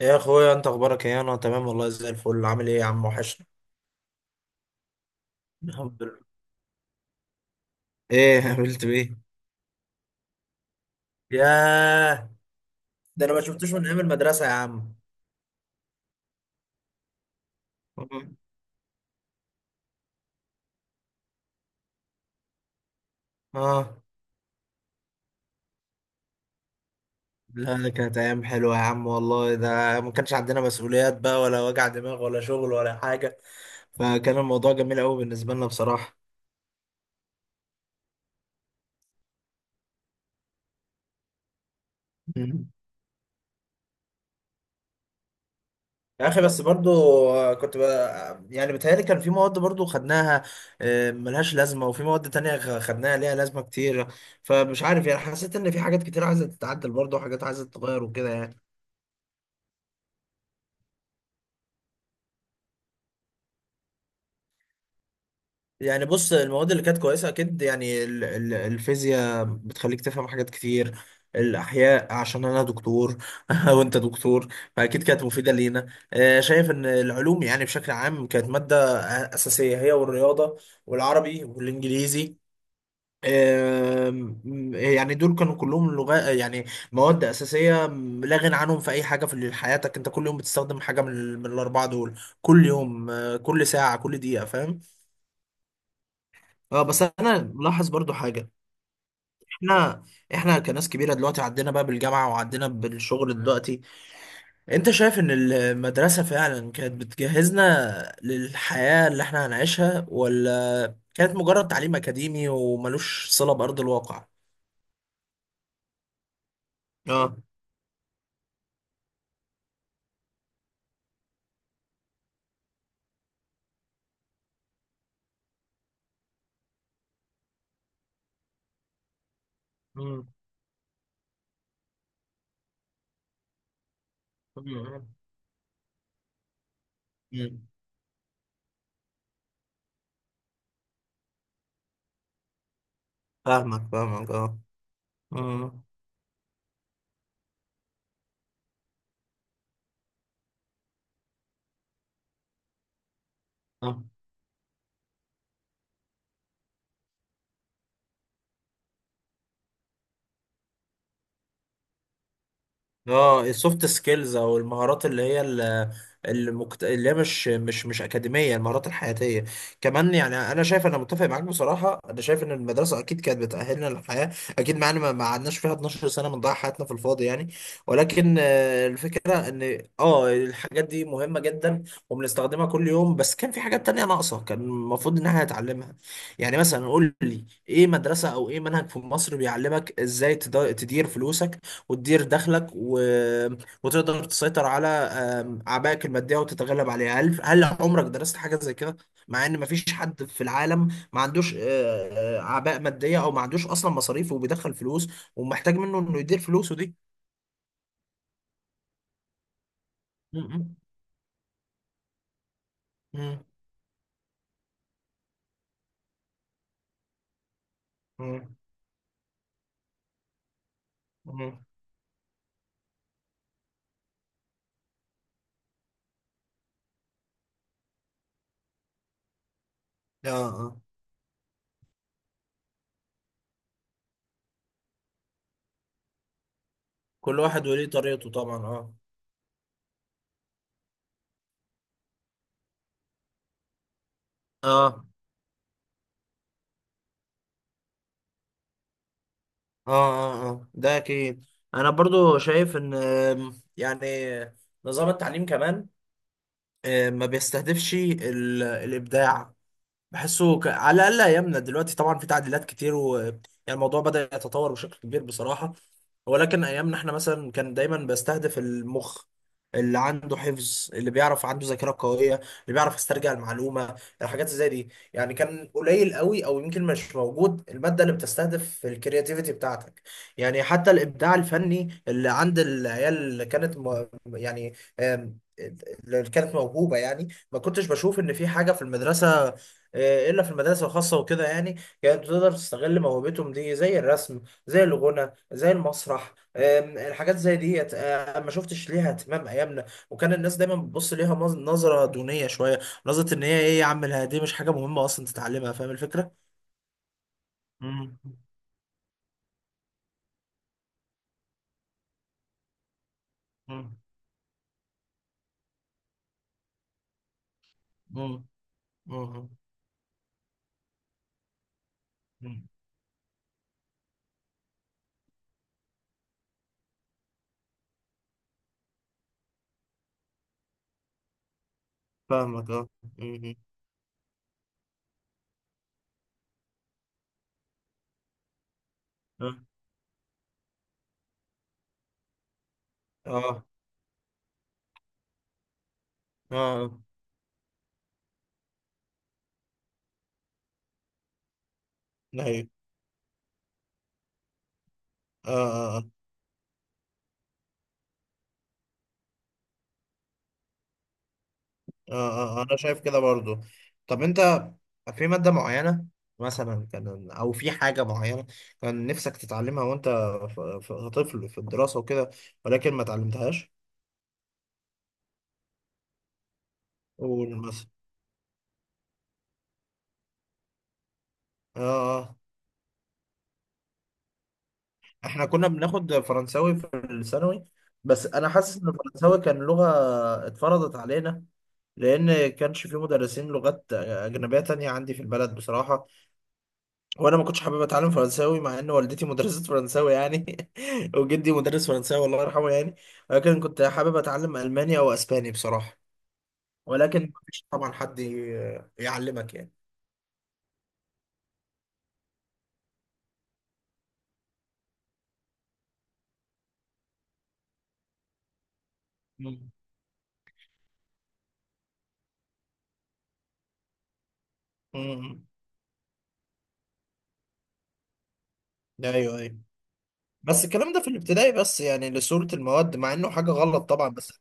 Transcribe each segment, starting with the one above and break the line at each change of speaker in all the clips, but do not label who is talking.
يا اخويا، انت اخبارك ايه؟ انا تمام والله زي الفل. عامل ايه يا عم؟ وحشنا. الحمد لله. ايه قابلت بايه؟ ياه. ده انا ما شفتوش من ايام المدرسه يا عم. مم. اه. لا، ده كانت ايام حلوه يا عم والله، ده ما كانش عندنا مسؤوليات بقى ولا وجع دماغ ولا شغل ولا حاجه، فكان الموضوع جميل قوي بالنسبه لنا بصراحه. يا اخي، بس برضو آه، كنت ب... يعني بتهيألي كان في مواد برضو خدناها ملهاش لازمة، وفي مواد تانية خدناها ليها لازمة كتير. فمش عارف يعني، حسيت ان في حاجات كتير عايزة تتعدل برضو وحاجات عايزة تتغير وكده يعني. يعني بص، المواد اللي كانت كويسة اكيد، يعني الفيزياء بتخليك تفهم حاجات كتير، الاحياء عشان انا دكتور وانت دكتور، فاكيد كانت مفيدة لينا. شايف ان العلوم يعني بشكل عام كانت مادة اساسية، هي والرياضة والعربي والانجليزي. آم، يعني دول كانوا كلهم لغات يعني، مواد أساسية لا غنى عنهم في أي حاجة في حياتك. أنت كل يوم بتستخدم حاجة من الأربعة دول كل يوم، كل ساعة كل دقيقة، فاهم؟ اه، بس أنا ملاحظ برضو حاجة. احنا احنا كناس كبيرة دلوقتي، عدينا بقى بالجامعة وعدينا بالشغل دلوقتي. أنت شايف إن المدرسة فعلا كانت بتجهزنا للحياة اللي احنا هنعيشها، ولا كانت مجرد تعليم أكاديمي وملوش صلة بأرض الواقع؟ اه. مم. مم. فاهمك فاهمك، اه. مم. آه. اه، السوفت سكيلز او المهارات اللي هي مش اكاديميه، المهارات الحياتيه كمان يعني. انا شايف، انا متفق معاك بصراحه، انا شايف ان المدرسه اكيد كانت بتاهلنا للحياه، اكيد معانا، ما قعدناش فيها 12 سنه بنضيع حياتنا في الفاضي يعني. ولكن الفكره ان اه الحاجات دي مهمه جدا وبنستخدمها كل يوم، بس كان في حاجات تانية ناقصه كان المفروض ان احنا نتعلمها. يعني مثلا قول لي ايه مدرسه او ايه منهج في مصر بيعلمك ازاي تدير فلوسك وتدير دخلك و... وتقدر تسيطر على عبائك المادية وتتغلب عليها؟ هل هل عمرك درست حاجة زي كده؟ مع ان مفيش حد في العالم ما عندوش عباء مادية، او ما عندوش اصلا مصاريف وبيدخل فلوس ومحتاج منه انه يدير فلوسه دي. م- م- م- م- م. اه، اه. كل واحد وليه طريقته طبعا اه. اه اه اه اه. ده اكيد. انا برضو شايف ان يعني نظام التعليم كمان، ما بيستهدفش الابداع. على الاقل ايامنا دلوقتي طبعا في تعديلات كتير و يعني الموضوع بدأ يتطور بشكل كبير بصراحة. ولكن ايامنا احنا مثلا كان دايما بستهدف المخ اللي عنده حفظ، اللي بيعرف عنده ذاكرة قوية، اللي بيعرف يسترجع المعلومة. الحاجات زي دي يعني كان قليل قوي او يمكن مش موجود المادة اللي بتستهدف الكرياتيفيتي بتاعتك. يعني حتى الابداع الفني اللي عند العيال يعني اللي كانت موهوبة يعني، ما كنتش بشوف ان في حاجة في المدرسة، الا في المدارس الخاصه وكده يعني، كانت تقدر تستغل موهبتهم دي، زي الرسم زي الغنى زي المسرح. الحاجات زي ديت ما شفتش ليها اهتمام ايامنا، وكان الناس دايما بتبص ليها نظره دونيه شويه. نظره ان هي ايه يا عم دي مش حاجه مهمه اصلا تتعلمها، فاهم الفكره؟ مم. مم. مم. مم. مم. فاهمك اه. مم. اه، اه، اه. آه. ايوه، اه، اه. انا شايف كده برضو. طب انت في مادة معينة مثلا كان، او في حاجة معينة كان نفسك تتعلمها وانت طفل في الدراسة وكده، ولكن ما اتعلمتهاش. قول مثلا. اه. آه. احنا كنا بناخد فرنساوي في الثانوي، بس انا حاسس ان الفرنساوي كان لغة اتفرضت علينا، لان كانش في مدرسين لغات اجنبية تانية عندي في البلد بصراحة. وانا ما كنتش حابب اتعلم فرنساوي، مع ان والدتي مدرسة فرنساوي يعني وجدي مدرس فرنساوي الله يرحمه يعني. ولكن كنت حابب اتعلم الماني او اسباني بصراحة. ولكن ما فيش طبعا حد يعلمك يعني. مم. مم. ايوه، ايوه. بس الكلام ده في الابتدائي بس يعني لصورة المواد، مع انه حاجة غلط طبعا بس.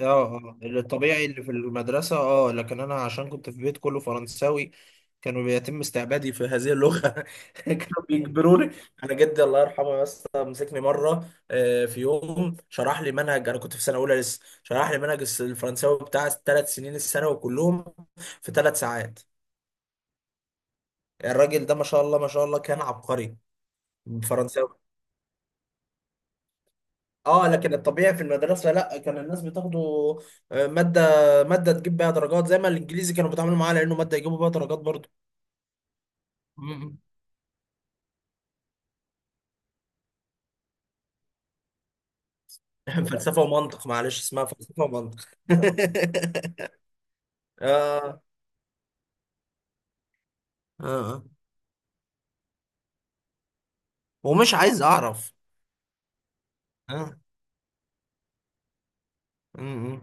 اه، اه الطبيعي اللي في المدرسة، اه لكن انا عشان كنت في بيت كله فرنساوي، كانوا بيتم استعبادي في هذه اللغة كانوا بيجبروني. انا جدي الله يرحمه بس مسكني مرة، في يوم شرح لي منهج، انا كنت في سنة اولى لسه، شرح لي منهج الفرنساوي بتاع الـ3 سنين الثانوي كلهم في 3 ساعات. الراجل ده ما شاء الله ما شاء الله كان عبقري فرنساوي. اه لكن الطبيعي في المدرسه لا، كان الناس بتاخده ماده، ماده تجيب بيها درجات زي ما الانجليزي كانوا بيتعاملوا معاه لانه ماده يجيبوا بيها درجات برضه. مم. فلسفه ومنطق معلش اسمها فلسفه ومنطق اه. اه، ومش عايز اعرف. اه. مم.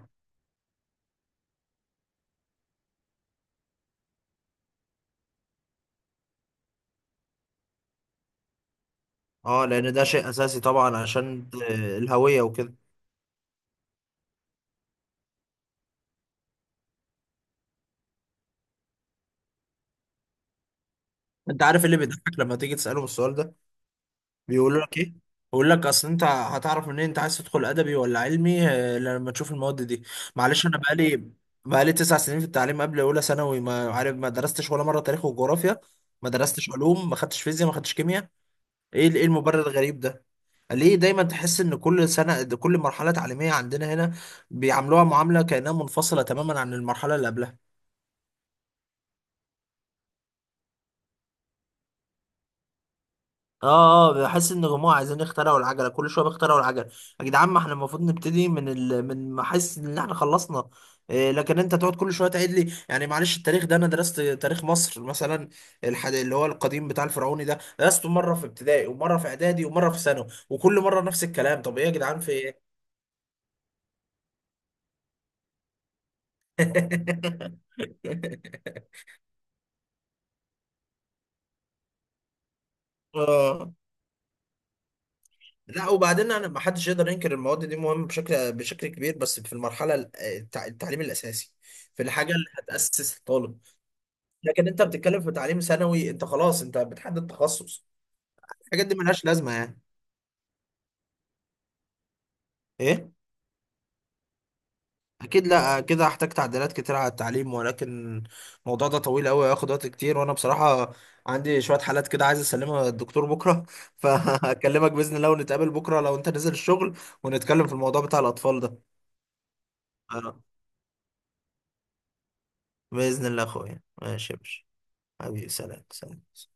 اه لان ده شيء اساسي طبعا عشان الهويه وكده. انت عارف إيه اللي بيضحك لما تيجي تساله السؤال ده؟ بيقول لك ايه؟ بيقول لك اصل انت هتعرف منين انت عايز تدخل ادبي ولا علمي لما تشوف المواد دي. معلش انا بقالي بقالي 9 سنين في التعليم قبل اولى ثانوي ما عارف، ما درستش ولا مره تاريخ وجغرافيا، ما درستش علوم، ما خدتش فيزياء، ما خدتش كيمياء. ايه ايه المبرر الغريب ده؟ ليه دايما تحس ان كل سنه كل مرحله تعليميه عندنا هنا بيعاملوها معامله كانها منفصله تماما عن المرحله اللي قبلها؟ اه، اه، بحس ان جماعه عايزين يخترعوا العجله، كل شويه بيخترعوا العجله. يا جدعان، ما احنا المفروض نبتدي من ال... من، ما احس ان احنا خلصنا. إيه، لكن انت تقعد كل شويه تعيد لي يعني معلش. التاريخ ده انا درست تاريخ مصر مثلا، اللي هو القديم بتاع الفرعوني ده درسته مره في ابتدائي ومره في اعدادي ومره في ثانوي، وكل مره نفس الكلام. طب ايه يا جدعان في ايه؟ اه، لا وبعدين انا، ما حدش يقدر ينكر المواد دي مهمه بشكل كبير، بس في المرحله التعليم الاساسي، في الحاجه اللي هتاسس الطالب. لكن انت بتتكلم في تعليم ثانوي، انت خلاص انت بتحدد تخصص، الحاجات دي ملهاش لازمه يعني. ايه. اكيد لا، كده هحتاج تعديلات كتير على التعليم، ولكن الموضوع ده طويل قوي هياخد وقت كتير، وانا بصراحه عندي شويه حالات كده عايز اسلمها للدكتور بكره فهكلمك باذن الله، ونتقابل بكره لو انت نزل الشغل، ونتكلم في الموضوع بتاع الاطفال ده. آه، باذن الله يا اخويا. ماشي يا باشا. حبيبي سلام، سلام.